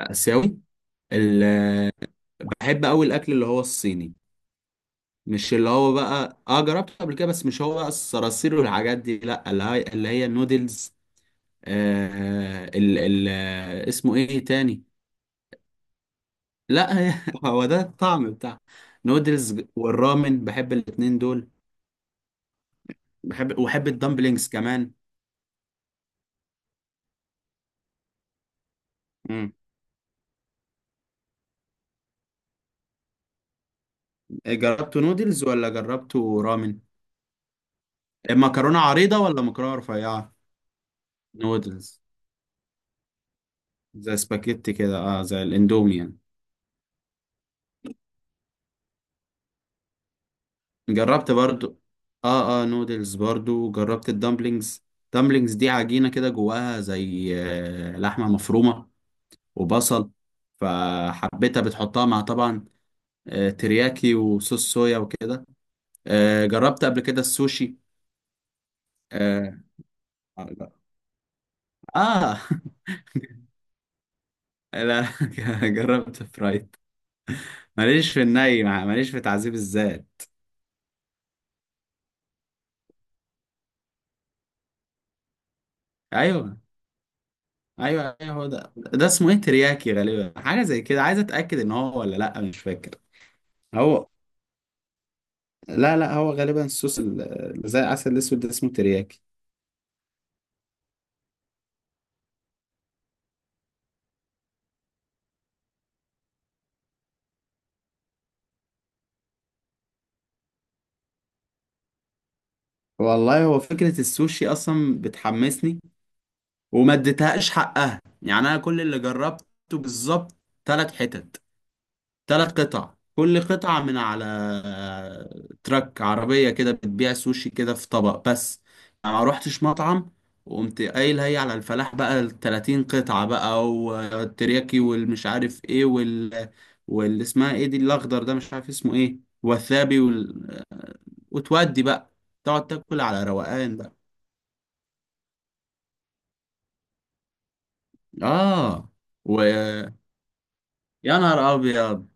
آسيوي. ال- بحب أوي الأكل اللي هو الصيني. مش اللي هو بقى جربته قبل كده، بس مش هو بقى الصراصير والحاجات دي، لا، اللي هي النودلز. آه ال ال آه، اسمه ايه تاني؟ لا، هو ده الطعم بتاع. نودلز والرامن، بحب الاتنين دول. بحب الدمبلينجز كمان. مم. جربتوا نودلز ولا جربتوا رامن؟ مكرونة عريضة ولا مكرونة رفيعة؟ نودلز. زي سباكيتي كده، زي الاندومي يعني. جربت برضو. اه، اه، نودلز برضو. جربت الدمبلينجز. دمبلينجز دي عجينة كده جواها زي لحمة مفرومة. وبصل. فحبيتها، بتحطها مع طبعا. ترياكي وصوص صويا وكده. جربت قبل كده السوشي. اه. آه. لا، جربت فرايد. ماليش في تعذيب الذات. ايوه. ايوه، ايوه، هو ده اسمه ايه؟ ترياكي غالبا، حاجه زي كده، عايز اتاكد ان هو ولا لا، مش فاكر. هو. لا، لا، هو غالبا الصوص، اللي زي العسل الاسود ده اسمه ترياكي. والله هو فكرة السوشي أصلا بتحمسني. وما اديتهاش حقها يعني، أنا كل اللي جربته. بالظبط. تلات حتت. تلات قطع، كل قطعة من على تراك عربية كده بتبيع سوشي كده في طبق بس. أنا ما روحتش مطعم. وقمت قايل هي على الفلاح بقى، ال 30 قطعة بقى والترياكي والمش عارف ايه وال. واللي اسمها ايه دي الأخضر ده مش عارف اسمه ايه. والثابي. وتودي بقى. تقعد تاكل على روقان بقى. اه و... يا نهار ابيض.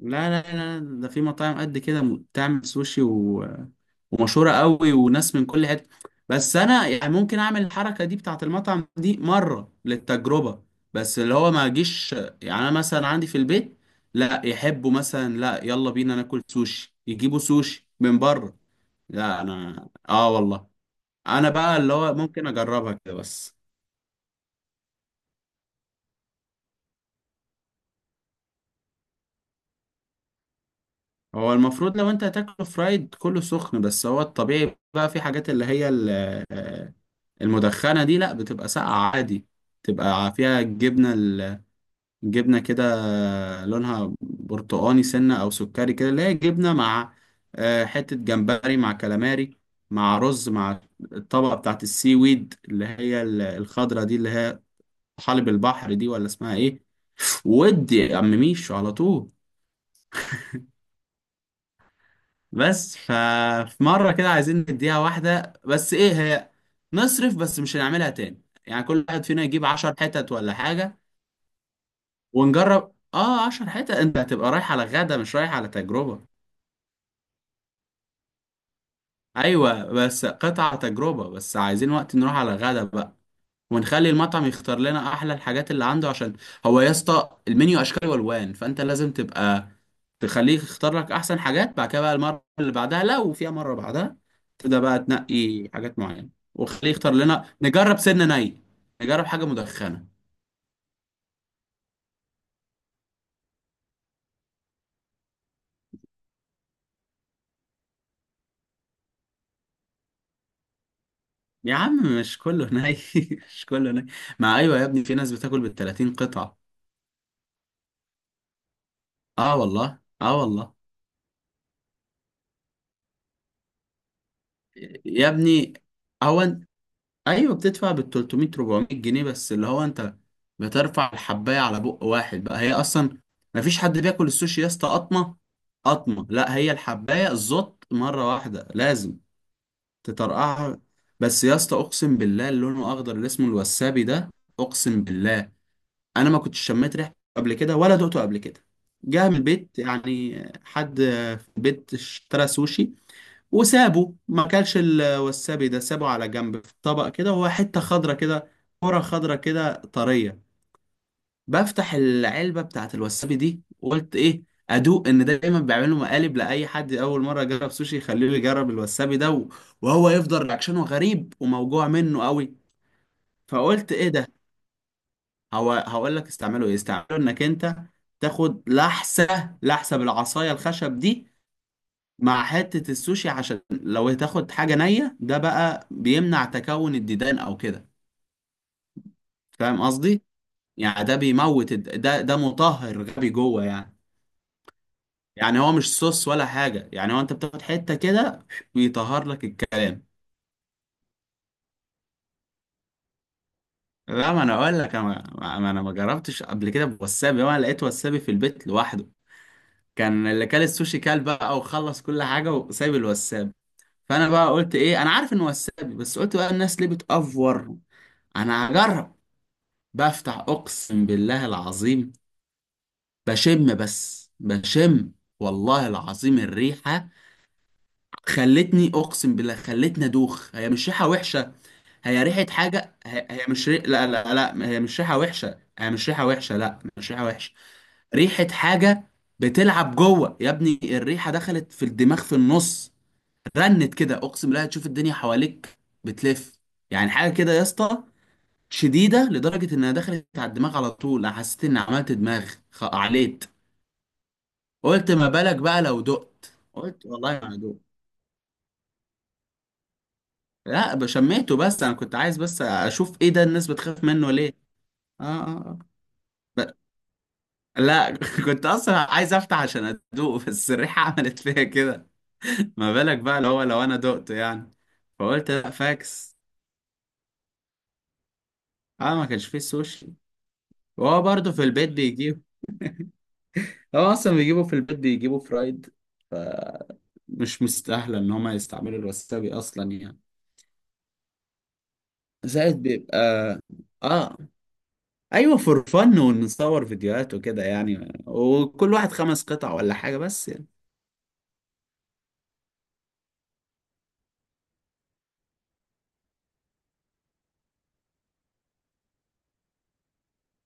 لا، لا، لا، ده في مطاعم قد كده، بتعمل سوشي ومشهوره قوي وناس من كل حته. بس انا يعني ممكن اعمل الحركه دي بتاعت المطعم دي مره للتجربه. بس اللي هو ما اجيش، يعني انا مثلا عندي في البيت. لا يحبوا مثلا، لا يلا بينا ناكل سوشي يجيبوا سوشي من بره. لا، انا والله. انا بقى، اللي هو ممكن اجربها كده بس. هو المفروض لو انت هتاكله فرايد كله سخن، بس هو الطبيعي بقى في حاجات اللي هي آه، المدخنة دي لا بتبقى ساقعة عادي. بتبقى فيها الجبنة الجبنة كده. لونها برتقاني سنة أو سكري كده اللي هي جبنة مع حتة جمبري مع كالاماري. مع رز، مع الطبقة بتاعت السي ويد اللي هي الخضرة دي اللي هي حلب البحر دي ولا اسمها ايه؟ ودي يا عم ميشو على طول. بس ففي مرة كده عايزين نديها واحدة، بس ايه هي؟ نصرف بس مش هنعملها تاني، يعني كل واحد فينا يجيب 10 حتت ولا حاجة. ونجرب، 10 حتت انت هتبقى رايح على غدا مش رايح على تجربة. ايوه بس قطع تجربة، بس عايزين وقت نروح على غدا بقى. ونخلي المطعم يختار لنا احلى الحاجات اللي عنده، عشان هو يا اسطى المنيو اشكال والوان، فانت لازم تبقى تخليه يختار لك احسن حاجات. بعد كده بقى المره اللي بعدها لو فيها مره بعدها تبدا بقى تنقي حاجات معينه. وخليه يختار لنا نجرب سنه ني. نجرب حاجه مدخنه. يا عم مش كله ني مش كله ني. ما ايوه يا ابني، في ناس بتاكل بال 30 قطعه. اه والله، اه والله. يا ابني. هو. ايوه، بتدفع بال 300، 400 جنيه، بس اللي هو انت بترفع الحبايه على بق واحد بقى. هي اصلا ما فيش حد بياكل السوشي يا اسطى قطمه قطمه، لا، هي الحبايه الزط مره واحده لازم تطرقعها. بس يا اسطى اقسم بالله، اللي لونه اخضر اللي اسمه الوسابي ده، اقسم بالله، انا ما كنتش شميت ريحته قبل كده ولا دقته قبل كده. جه من البيت يعني، حد في البيت اشترى سوشي وسابه، ما كانش الوسابي ده سابه على جنب في طبق كده، وهو حتة خضرة كده، كرة خضرة كده طرية. بفتح العلبة بتاعت الوسابي دي وقلت ايه، ادوق ان ده دايما بيعملوا مقالب لاي حد اول مره يجرب سوشي، يخليه يجرب الوسابي ده وهو يفضل رياكشنه غريب وموجوع منه قوي. فقلت ايه ده؟ هو هقول لك استعمله ايه، استعمله انك انت تاخد لحسه لحسه بالعصايه الخشب دي مع حتة السوشي، عشان لو هتاخد حاجة نية ده بقى بيمنع تكون الديدان او كده. فاهم قصدي؟ يعني ده بيموت ده مطهر غبي جوه يعني. يعني هو مش صوص ولا حاجة، يعني هو انت بتاخد حتة كده بيطهر لك الكلام. لا، ما انا اقول لك انا انا ما جربتش قبل كده بوسابي، وانا لقيت وسابي في البيت لوحده. كان اللي كل السوشي كال بقى وخلص كل حاجة وسايب الوسابي. فانا بقى قلت ايه، انا عارف انه وسابي، بس قلت بقى الناس ليه بتأفور، انا هجرب. بفتح، اقسم بالله العظيم، بشم بس بشم. والله العظيم الريحة خلتني، اقسم بالله خلتني ادوخ. هي مش ريحة وحشة. هي ريحة حاجة. هي مش ري... لا، لا، لا، هي مش ريحة وحشة، هي مش ريحة وحشة، لا مش ريحة وحشة. ريحة حاجة بتلعب جوه يا ابني. الريحة دخلت في الدماغ في النص. رنت كده، اقسم بالله تشوف الدنيا حواليك بتلف. يعني حاجة كده يا اسطى، شديده لدرجه انها دخلت على الدماغ على طول. أنا حسيت اني عملت دماغ عليت. قلت ما بالك بقى لو دقت؟ قلت والله ما دقت. لا، شميته بس، انا كنت عايز بس اشوف ايه ده الناس بتخاف منه ليه. اه، اه، آه. ب- لا، كنت اصلا عايز افتح عشان ادوق، بس الريحه عملت فيا كده. ما بالك بقى لو انا دقت يعني. فقلت لا، فاكس. اه، ما كانش فيه سوشي. وهو برضه في البيت بيجيب، هو اصلا بيجيبوا في البيت بيجيبوا فرايد. مش مستاهله ان هما يستعملوا الوسابي اصلا يعني. زائد بيبقى. اه. ايوه، فور فن ونصور فيديوهات وكده يعني، وكل واحد 5 قطع ولا حاجه بس يعني.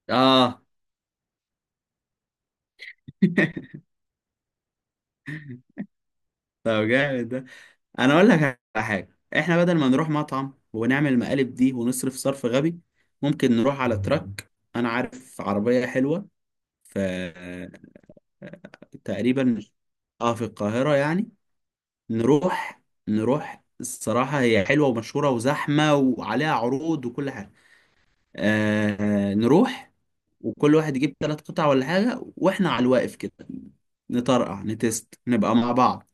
اه. طب جامد ده. انا اقول لك على حاجه، احنا بدل ما نروح مطعم ونعمل المقالب دي ونصرف صرف غبي، ممكن نروح على تراك. انا عارف عربيه حلوه في تقريبا، اه، في القاهره يعني. نروح. نروح، الصراحة هي حلوة ومشهورة وزحمة وعليها عروض وكل حاجة. نروح وكل واحد يجيب 3 قطع ولا حاجة، واحنا على الواقف كده نطرقع نتست نبقى مع بعض.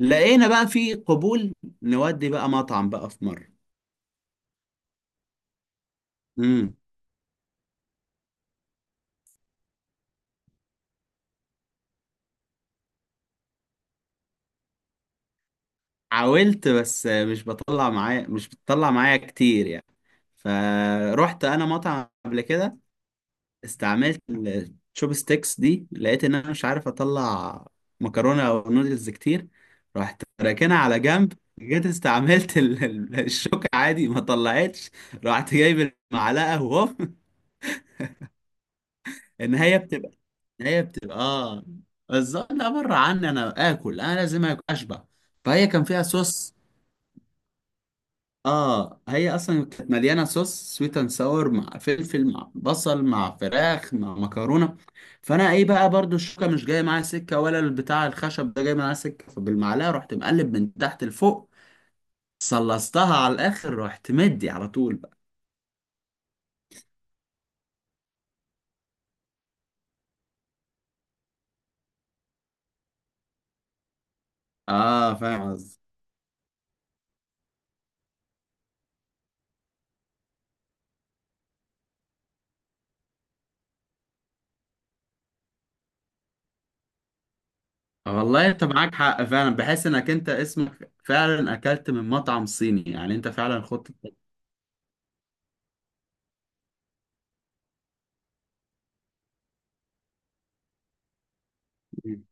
لقينا بقى في قبول، نودي بقى مطعم بقى في مرة. امم. حاولت بس مش بطلع معايا، مش بتطلع معايا كتير يعني. فروحت انا مطعم قبل كده، استعملت الشوب ستيكس دي، لقيت ان انا مش عارف اطلع مكرونه او نودلز كتير. رحت راكنها على جنب. جيت استعملت الشوكة عادي، ما طلعتش. رحت جايب المعلقة وهوب. النهاية بتبقى النهاية بتبقى اه، بالظبط، لا بره عني، انا لازم اكل اشبع. فهي كان فيها صوص. اه، هي اصلا كانت مليانه صوص سويت اند ساور مع فلفل مع بصل مع فراخ مع مكرونه. فانا ايه بقى، برضو الشوكه مش جايه معايا سكه ولا البتاع الخشب ده جاي معايا سكه، فبالمعلقه رحت مقلب من تحت لفوق. صلصتها على الاخر، رحت مدي على طول بقى. اه، فاهم قصدي. والله انت معاك حق فعلا، بحس انك انت اسمك فعلا اكلت من مطعم صيني يعني، انت فعلا خدت التجربة.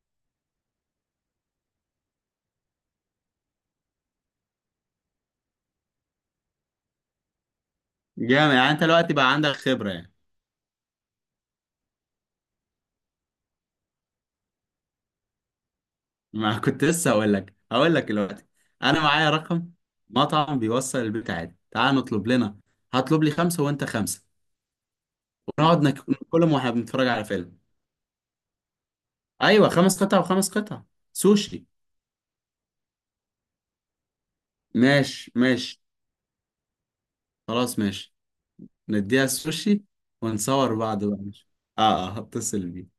جامد يعني، انت دلوقتي بقى عندك خبره يعني. ما كنت لسه هقول لك، هقول لك دلوقتي. انا معايا رقم مطعم بيوصل البيت عادي، تعال نطلب لنا. هطلب لي خمسه وانت خمسه، ونقعد ناكلهم واحنا بنتفرج على فيلم. ايوه، 5 قطع و5 قطع. سوشي. ماشي، ماشي. خلاص ماشي. نديها السوشي ونصور بعض بقى، ماشي. اه. اه، هتصل بيه.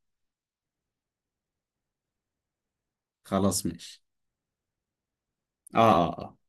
خلاص ماشي. اه، اه، آه.